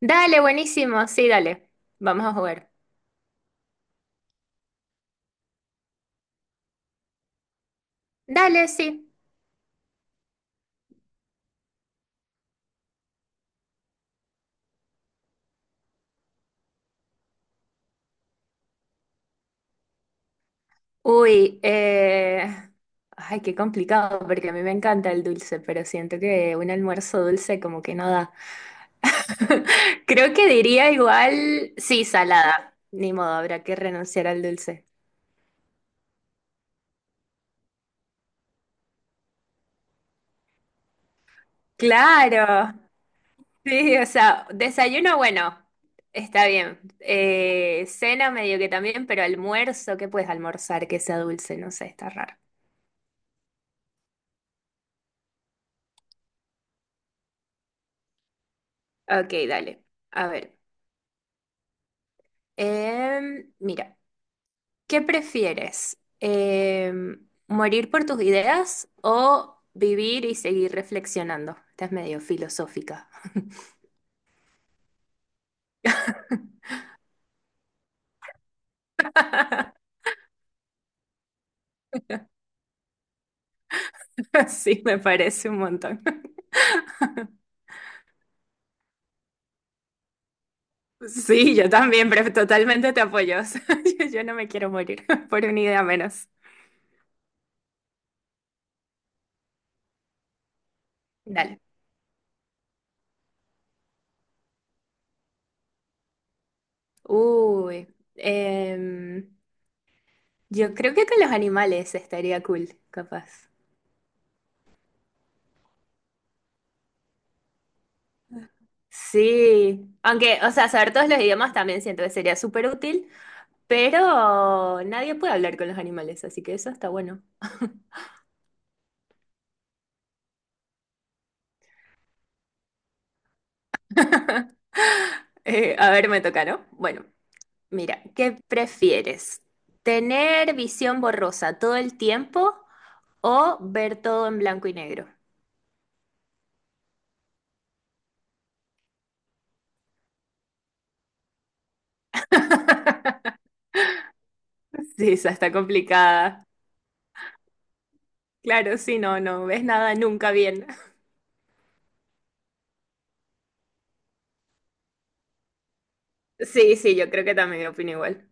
Dale, buenísimo, sí, dale. Vamos a jugar. Dale, sí. Uy, ay, qué complicado, porque a mí me encanta el dulce, pero siento que un almuerzo dulce como que no da. Creo que diría igual, sí, salada. Ni modo, habrá que renunciar al dulce. Claro, sí, o sea, desayuno, bueno, está bien. Cena medio que también, pero almuerzo, ¿qué puedes almorzar que sea dulce? No sé, está raro. Ok, dale. A ver. Mira, ¿qué prefieres? ¿Morir por tus ideas o vivir y seguir reflexionando? Estás medio filosófica. Sí, me parece un montón. Sí, yo también, pero totalmente te apoyo. Yo no me quiero morir por una idea menos. Dale. Uy, em, yo creo que con los animales estaría cool, capaz. Sí, aunque, o sea, saber todos los idiomas también siento que sería súper útil, pero nadie puede hablar con los animales, así que eso está bueno. A ver, me toca, ¿no? Bueno, mira, ¿qué prefieres? ¿Tener visión borrosa todo el tiempo o ver todo en blanco y negro? Sí, esa está complicada. Claro, sí, no, no ves nada nunca bien. Sí, sí, yo creo que también opino igual.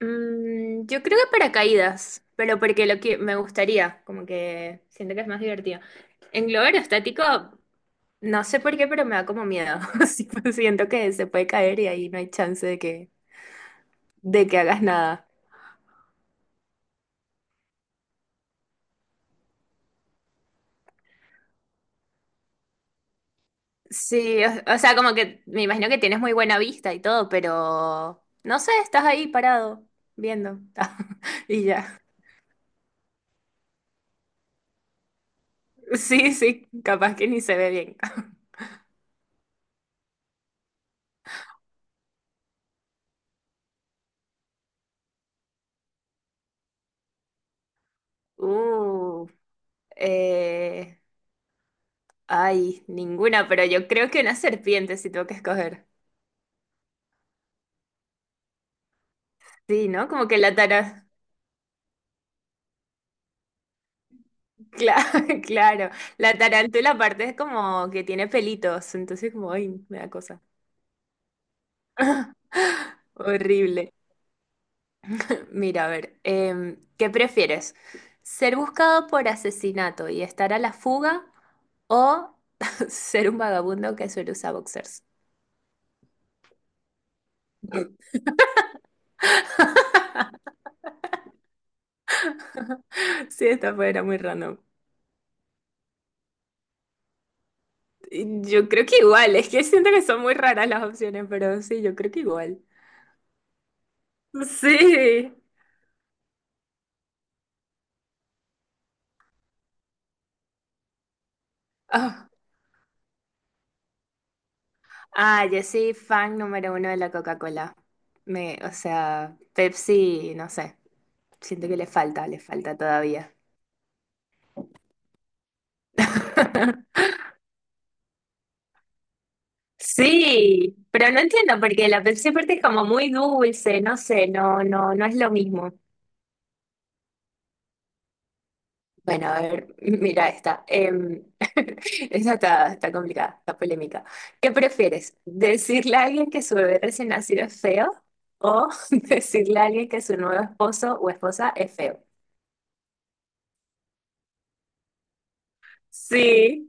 Yo creo que paracaídas, pero porque lo que me gustaría, como que siento que es más divertido. En globo aerostático. No sé por qué, pero me da como miedo. Sí, pues, siento que se puede caer y ahí no hay chance de que hagas nada. Sí, o sea, como que me imagino que tienes muy buena vista y todo, pero no sé, estás ahí parado, viendo. Y ya. Sí, sí, capaz que ni se ve bien. Uh, eh, ay, ninguna, pero yo creo que una serpiente si tengo que escoger. Sí, ¿no? Como que la tara- Claro, claro. La tarántula aparte es como que tiene pelitos, entonces como, ay, me da cosa. Horrible. Mira, a ver, ¿qué prefieres? ¿Ser buscado por asesinato y estar a la fuga o ser un vagabundo que suele usar boxers? Sí, esta fue, era muy random. Yo creo que igual, es que siento que son muy raras las opciones, pero sí, yo creo que igual. Sí. Ah, yo soy fan número uno de la Coca-Cola. O sea, Pepsi, no sé, siento que le falta todavía. Sí, pero no entiendo porque la Pepsi aparte es como muy dulce, no sé, no, no, no es lo mismo. Bueno, a ver, mira esta. Esta está complicada, está polémica. ¿Qué prefieres? ¿Decirle a alguien que su bebé recién nacido es feo o decirle a alguien que su nuevo esposo o esposa es feo? Sí.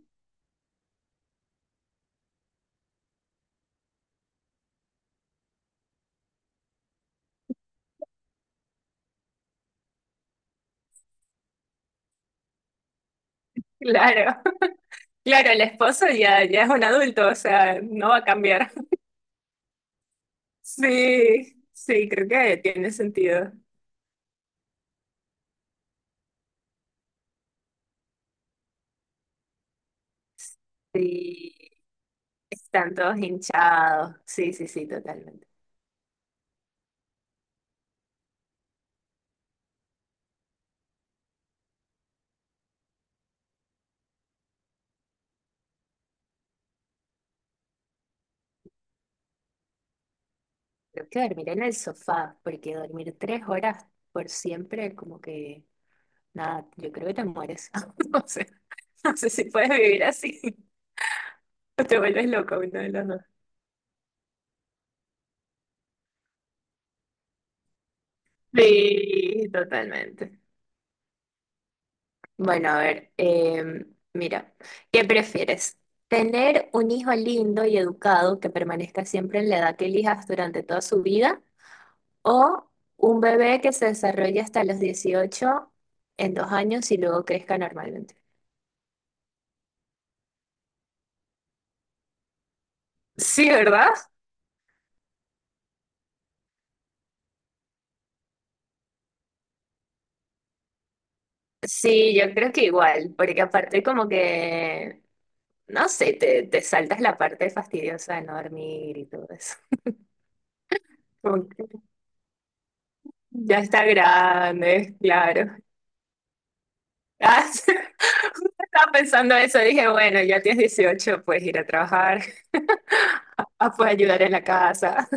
Claro, claro, el esposo ya es un adulto, o sea, no va a cambiar. Sí, sí, creo que tiene sentido. Sí, están todos hinchados. Sí, sí, sí, totalmente. Creo que dormir en el sofá, porque dormir 3 horas por siempre, como que, nada, yo creo que te mueres. No sé, no sé si puedes vivir así o te vuelves loco uno de los dos. Sí, totalmente. Bueno, a ver, mira, ¿qué prefieres? ¿Tener un hijo lindo y educado que permanezca siempre en la edad que elijas durante toda su vida? ¿O un bebé que se desarrolle hasta los 18 en 2 años y luego crezca normalmente? Sí, ¿verdad? Sí, yo creo que igual, porque aparte como que, no sé, te saltas la parte fastidiosa de no dormir y todo eso. Como que ya está grande, claro. Ah, sí. Justo estaba pensando eso, dije, bueno, ya tienes 18, puedes ir a trabajar, ah, puedes ayudar en la casa.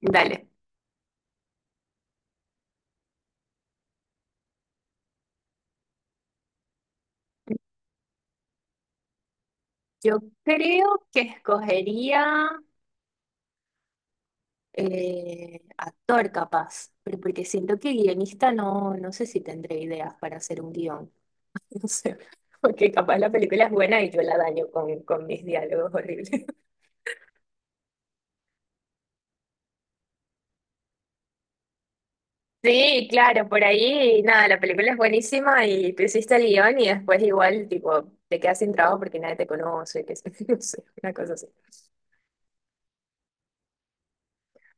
Dale, yo creo que escogería actor capaz, pero porque siento que guionista no, no sé si tendré ideas para hacer un guión, no sé, porque capaz la película es buena y yo la daño con mis diálogos horribles. Sí, claro, por ahí, nada, la película es buenísima y tú hiciste el guión y después igual, tipo, te quedas sin trabajo porque nadie te conoce, que no sé, una cosa así.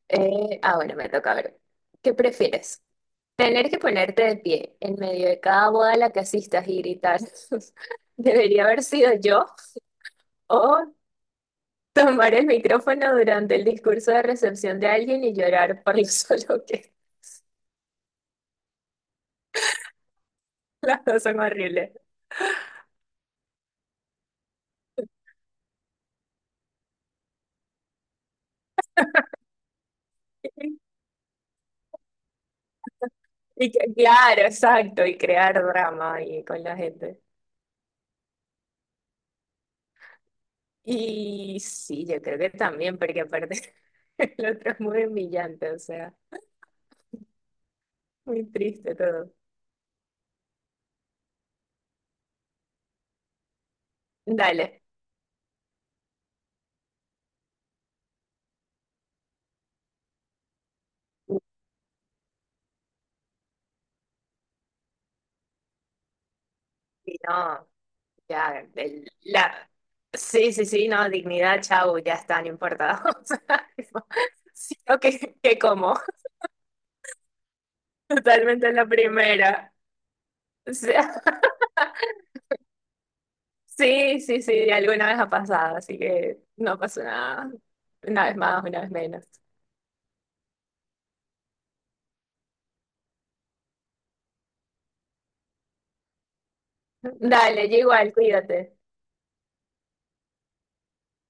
Ah, bueno, me toca ver. ¿Qué prefieres? Tener que ponerte de pie en medio de cada boda a la que asistas y gritar, debería haber sido yo, o tomar el micrófono durante el discurso de recepción de alguien y llorar por lo solo Las dos son horribles. Y claro, exacto, y crear drama ahí con la gente. Y sí, yo creo que también, porque aparte el otro es muy humillante, o sea, muy triste todo. Dale. Y no, ya, Sí, sí, sí, no, dignidad, chau, ya está, no importa. O sea, tipo, sí, ok, ¿qué como? Totalmente la primera. O sea, sí, sí, sí, alguna vez ha pasado, así que no pasó nada. Una vez más, una vez menos. Dale, yo igual, cuídate.